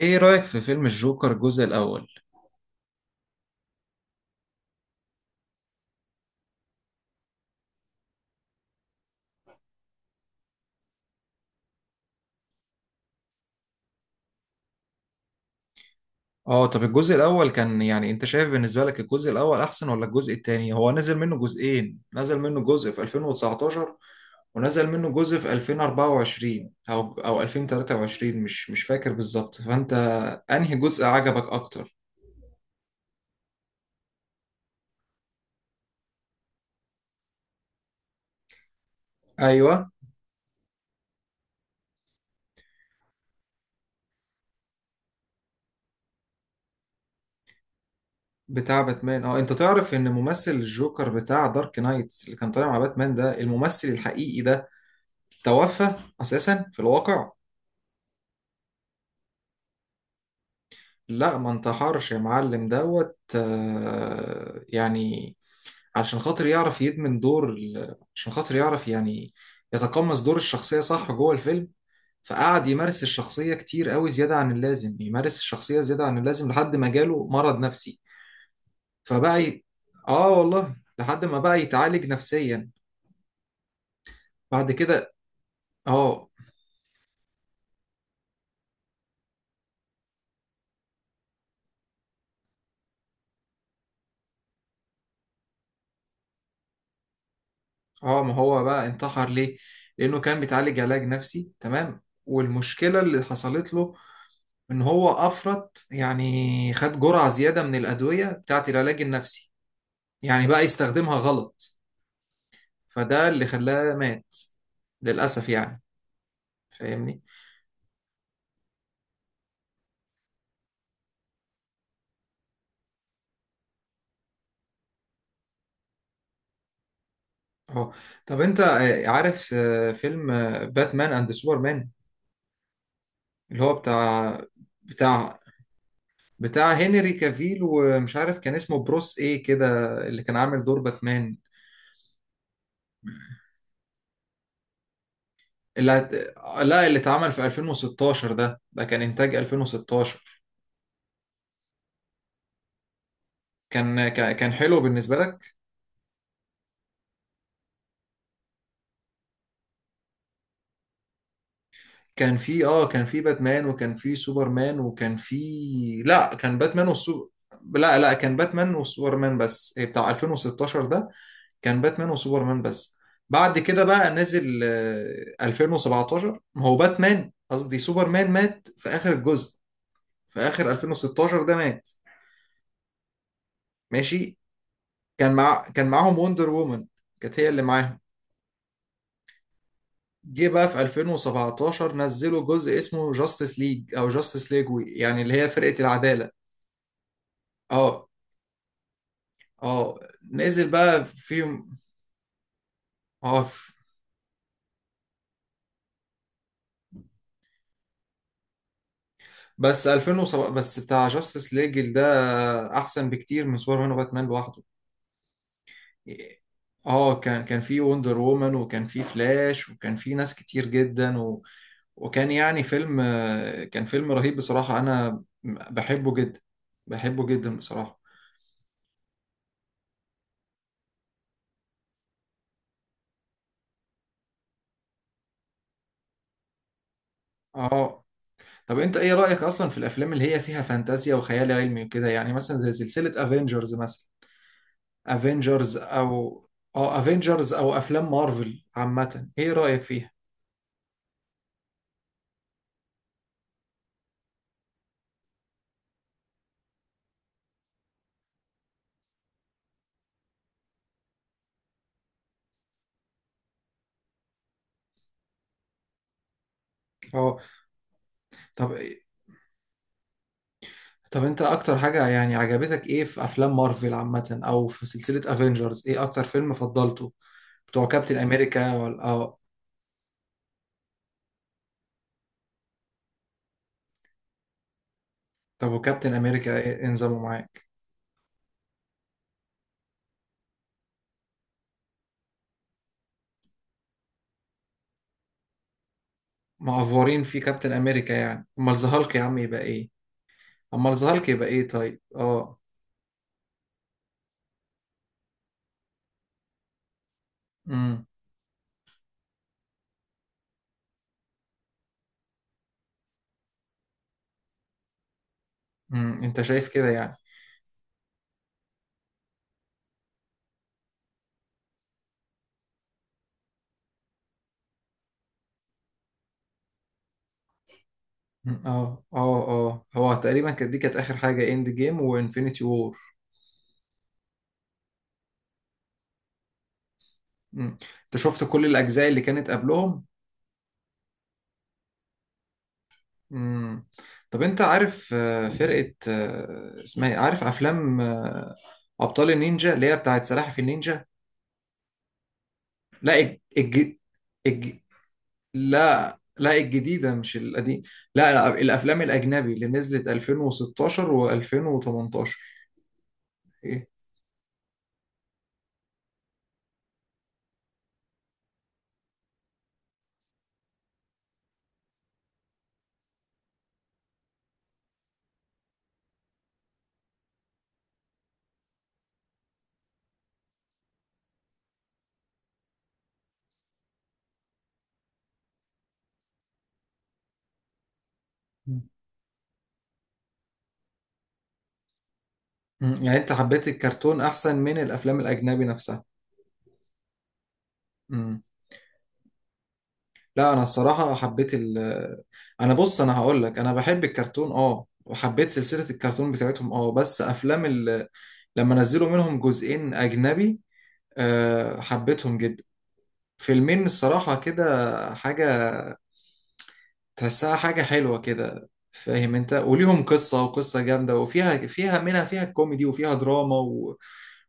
ايه رأيك في فيلم الجوكر الجزء الأول؟ اه طب الجزء الأول كان يعني انت شايف بالنسبة لك الجزء الأول أحسن ولا الجزء التاني؟ هو نزل منه جزئين، نزل منه جزء في 2019 ونزل منه جزء في 2024 أو 2023 مش فاكر بالظبط، فأنت أنهي جزء عجبك أكتر؟ أيوه بتاع باتمان اه انت تعرف ان ممثل الجوكر بتاع دارك نايت اللي كان طالع مع باتمان ده الممثل الحقيقي ده توفى أساسا في الواقع؟ لا ما انتحرش يا معلم دوت يعني علشان خاطر يعرف يدمن دور عشان خاطر يعرف يعني يتقمص دور الشخصية صح جوه الفيلم فقعد يمارس الشخصية كتير قوي زيادة عن اللازم يمارس الشخصية زيادة عن اللازم لحد ما جاله مرض نفسي فبقى ي... اه والله لحد ما بقى يتعالج نفسيا بعد كده. اه اه ما هو بقى انتحر ليه؟ لأنه كان بيتعالج علاج نفسي تمام والمشكلة اللي حصلت له ان هو افرط يعني خد جرعة زيادة من الأدوية بتاعت العلاج النفسي يعني بقى يستخدمها غلط فده اللي خلاه مات للأسف يعني فاهمني. اهو طب انت عارف فيلم باتمان اند سوبرمان اللي هو بتاع بتاع بتاع هنري كافيل ومش عارف كان اسمه بروس ايه كده اللي كان عامل دور باتمان. اللي هت... لا اللي اتعمل في 2016 ده كان انتاج 2016 كان حلو بالنسبة لك. كان في كان في باتمان وكان في سوبرمان وكان في لا كان باتمان والسو لا لا كان باتمان وسوبرمان بس بتاع 2016 ده كان باتمان وسوبرمان بس. بعد كده بقى نزل 2017 ما هو باتمان قصدي سوبرمان مات في آخر الجزء في آخر 2016 ده مات. ماشي. كان معاهم وندر وومن كانت هي اللي معاهم. جه بقى في 2017 نزلوا جزء اسمه جاستس ليج او جاستس ليج يعني اللي هي فرقة العدالة. اه اه نزل بقى في اه في- بس 2007 بس بتاع جاستس ليجل ده احسن بكتير من سوبرمان وباتمان لوحده. اه كان في وندر وومن وكان في فلاش وكان في ناس كتير جدا و... وكان يعني فيلم كان فيلم رهيب بصراحة انا بحبه جدا بحبه جدا بصراحة. اه طب انت ايه رأيك اصلا في الافلام اللي هي فيها فانتازيا وخيال علمي وكده يعني مثلا زي سلسلة افنجرز مثلا افنجرز او اه افنجرز او افلام مارفل عامة ايه رأيك فيها؟ اه طب انت اكتر حاجة يعني عجبتك ايه في افلام مارفل عامة او في سلسلة افنجرز ايه اكتر فيلم فضلته؟ بتوع كابتن امريكا ولا اه طب وكابتن امريكا إيه انظموا معاك؟ معفورين في كابتن امريكا يعني امال ذا هالك يا عم يبقى ايه؟ امال ذا هالك يبقى ايه طيب؟ اه. امم. انت شايف كده يعني؟ مم. اه اه اه هو تقريبا كانت دي كانت اخر حاجة اند جيم وانفينيتي وور. مم. انت شفت كل الاجزاء اللي كانت قبلهم. مم. طب انت عارف فرقة اسمها ايه عارف افلام ابطال النينجا اللي هي بتاعت سلاحف النينجا. لا الج... الج... الج... لا لا الجديدة مش القديم. لا لا، الافلام الاجنبي اللي نزلت 2016 و2018. ايه. مم. يعني انت حبيت الكرتون احسن من الافلام الاجنبي نفسها. لا انا الصراحه حبيت ال انا بص انا هقول لك انا بحب الكرتون اه وحبيت سلسله الكرتون بتاعتهم اه بس افلام لما نزلوا منهم جزئين اجنبي أه حبيتهم جدا. فيلمين الصراحه كده حاجه تحسها حاجه حلوه كده فاهم انت وليهم قصه وقصه جامده وفيها فيها كوميدي وفيها دراما و...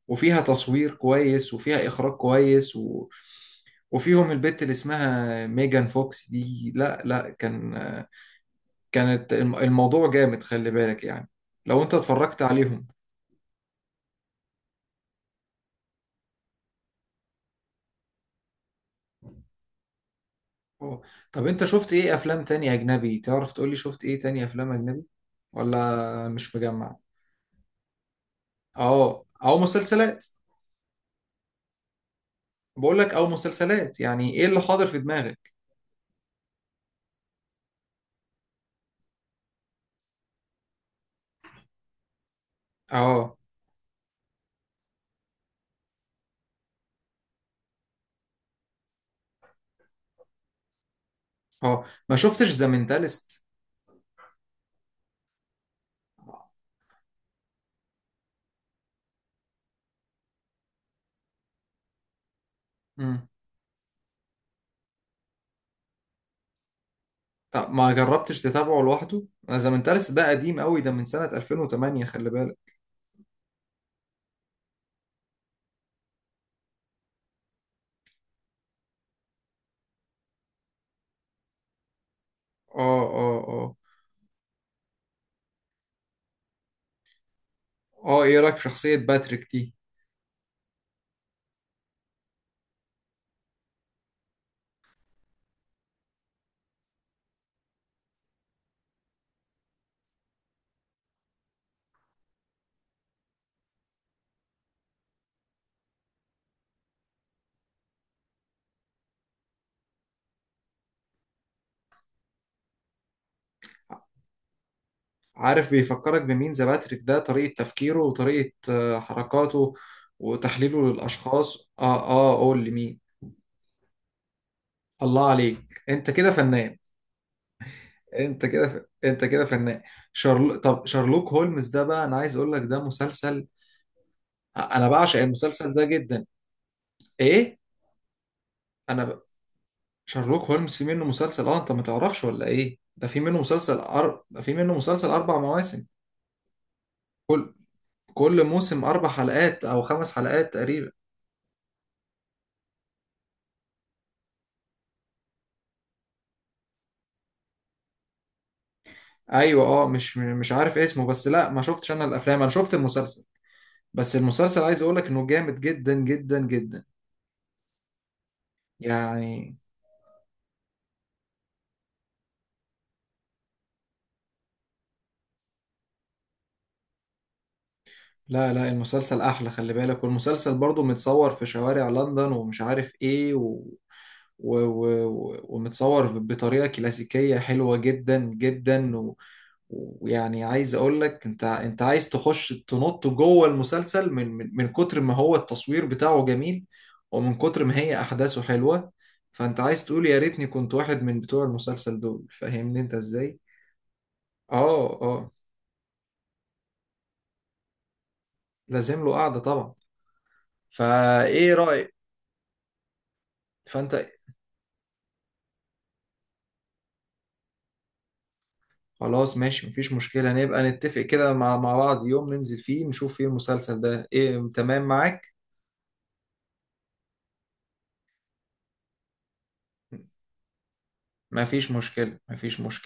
وفيها تصوير كويس وفيها اخراج كويس و... وفيهم البت اللي اسمها ميجان فوكس دي. لا لا كان الموضوع جامد خلي بالك يعني لو انت اتفرجت عليهم. اه طب انت شفت ايه افلام تانية اجنبي تعرف تقولي شفت ايه تانية افلام اجنبي ولا مش مجمع. اه او مسلسلات. بقول لك او مسلسلات يعني ايه اللي حاضر في دماغك. اه اه ما شفتش ذا مينتالست. امم. طب ما جربتش تتابعه لوحده ذا مينتالست ده قديم قوي ده من سنة 2008 خلي بالك. اه اه اه اه ايه رايك في شخصية باتريك دي. عارف بيفكرك بمين ذا باتريك ده طريقة تفكيره وطريقة حركاته وتحليله للأشخاص اه اه قول لي مين. الله عليك انت كده فنان. انت كده انت كده فنان. طب شارلوك هولمز ده بقى انا عايز اقول لك ده مسلسل انا بعشق المسلسل ده جدا. ايه. انا ب... شارلوك هولمز في منه مسلسل اه انت ما تعرفش ولا ايه ده في منه مسلسل ده في منه مسلسل اربع مواسم. كل كل موسم اربع حلقات او خمس حلقات تقريبا. ايوه اه مش عارف اسمه بس لا ما شفتش انا الافلام انا شفت المسلسل بس المسلسل عايز اقولك انه جامد جدا جدا جدا يعني. لا لا المسلسل احلى خلي بالك والمسلسل برضو متصور في شوارع لندن ومش عارف ايه و... و... و... ومتصور بطريقة كلاسيكية حلوة جدا جدا و... ويعني عايز اقول لك انت انت عايز تخش تنط جوه المسلسل من كتر ما هو التصوير بتاعه جميل ومن كتر ما هي احداثه حلوة فانت عايز تقول يا ريتني كنت واحد من بتوع المسلسل دول فاهمني انت ازاي. اه اه لازم له قعدة طبعا. فايه رأيك فانت خلاص ماشي مفيش مشكلة نبقى نتفق كده مع بعض يوم ننزل فيه نشوف فيه المسلسل ده ايه تمام معاك. مفيش مشكلة مفيش مشكلة.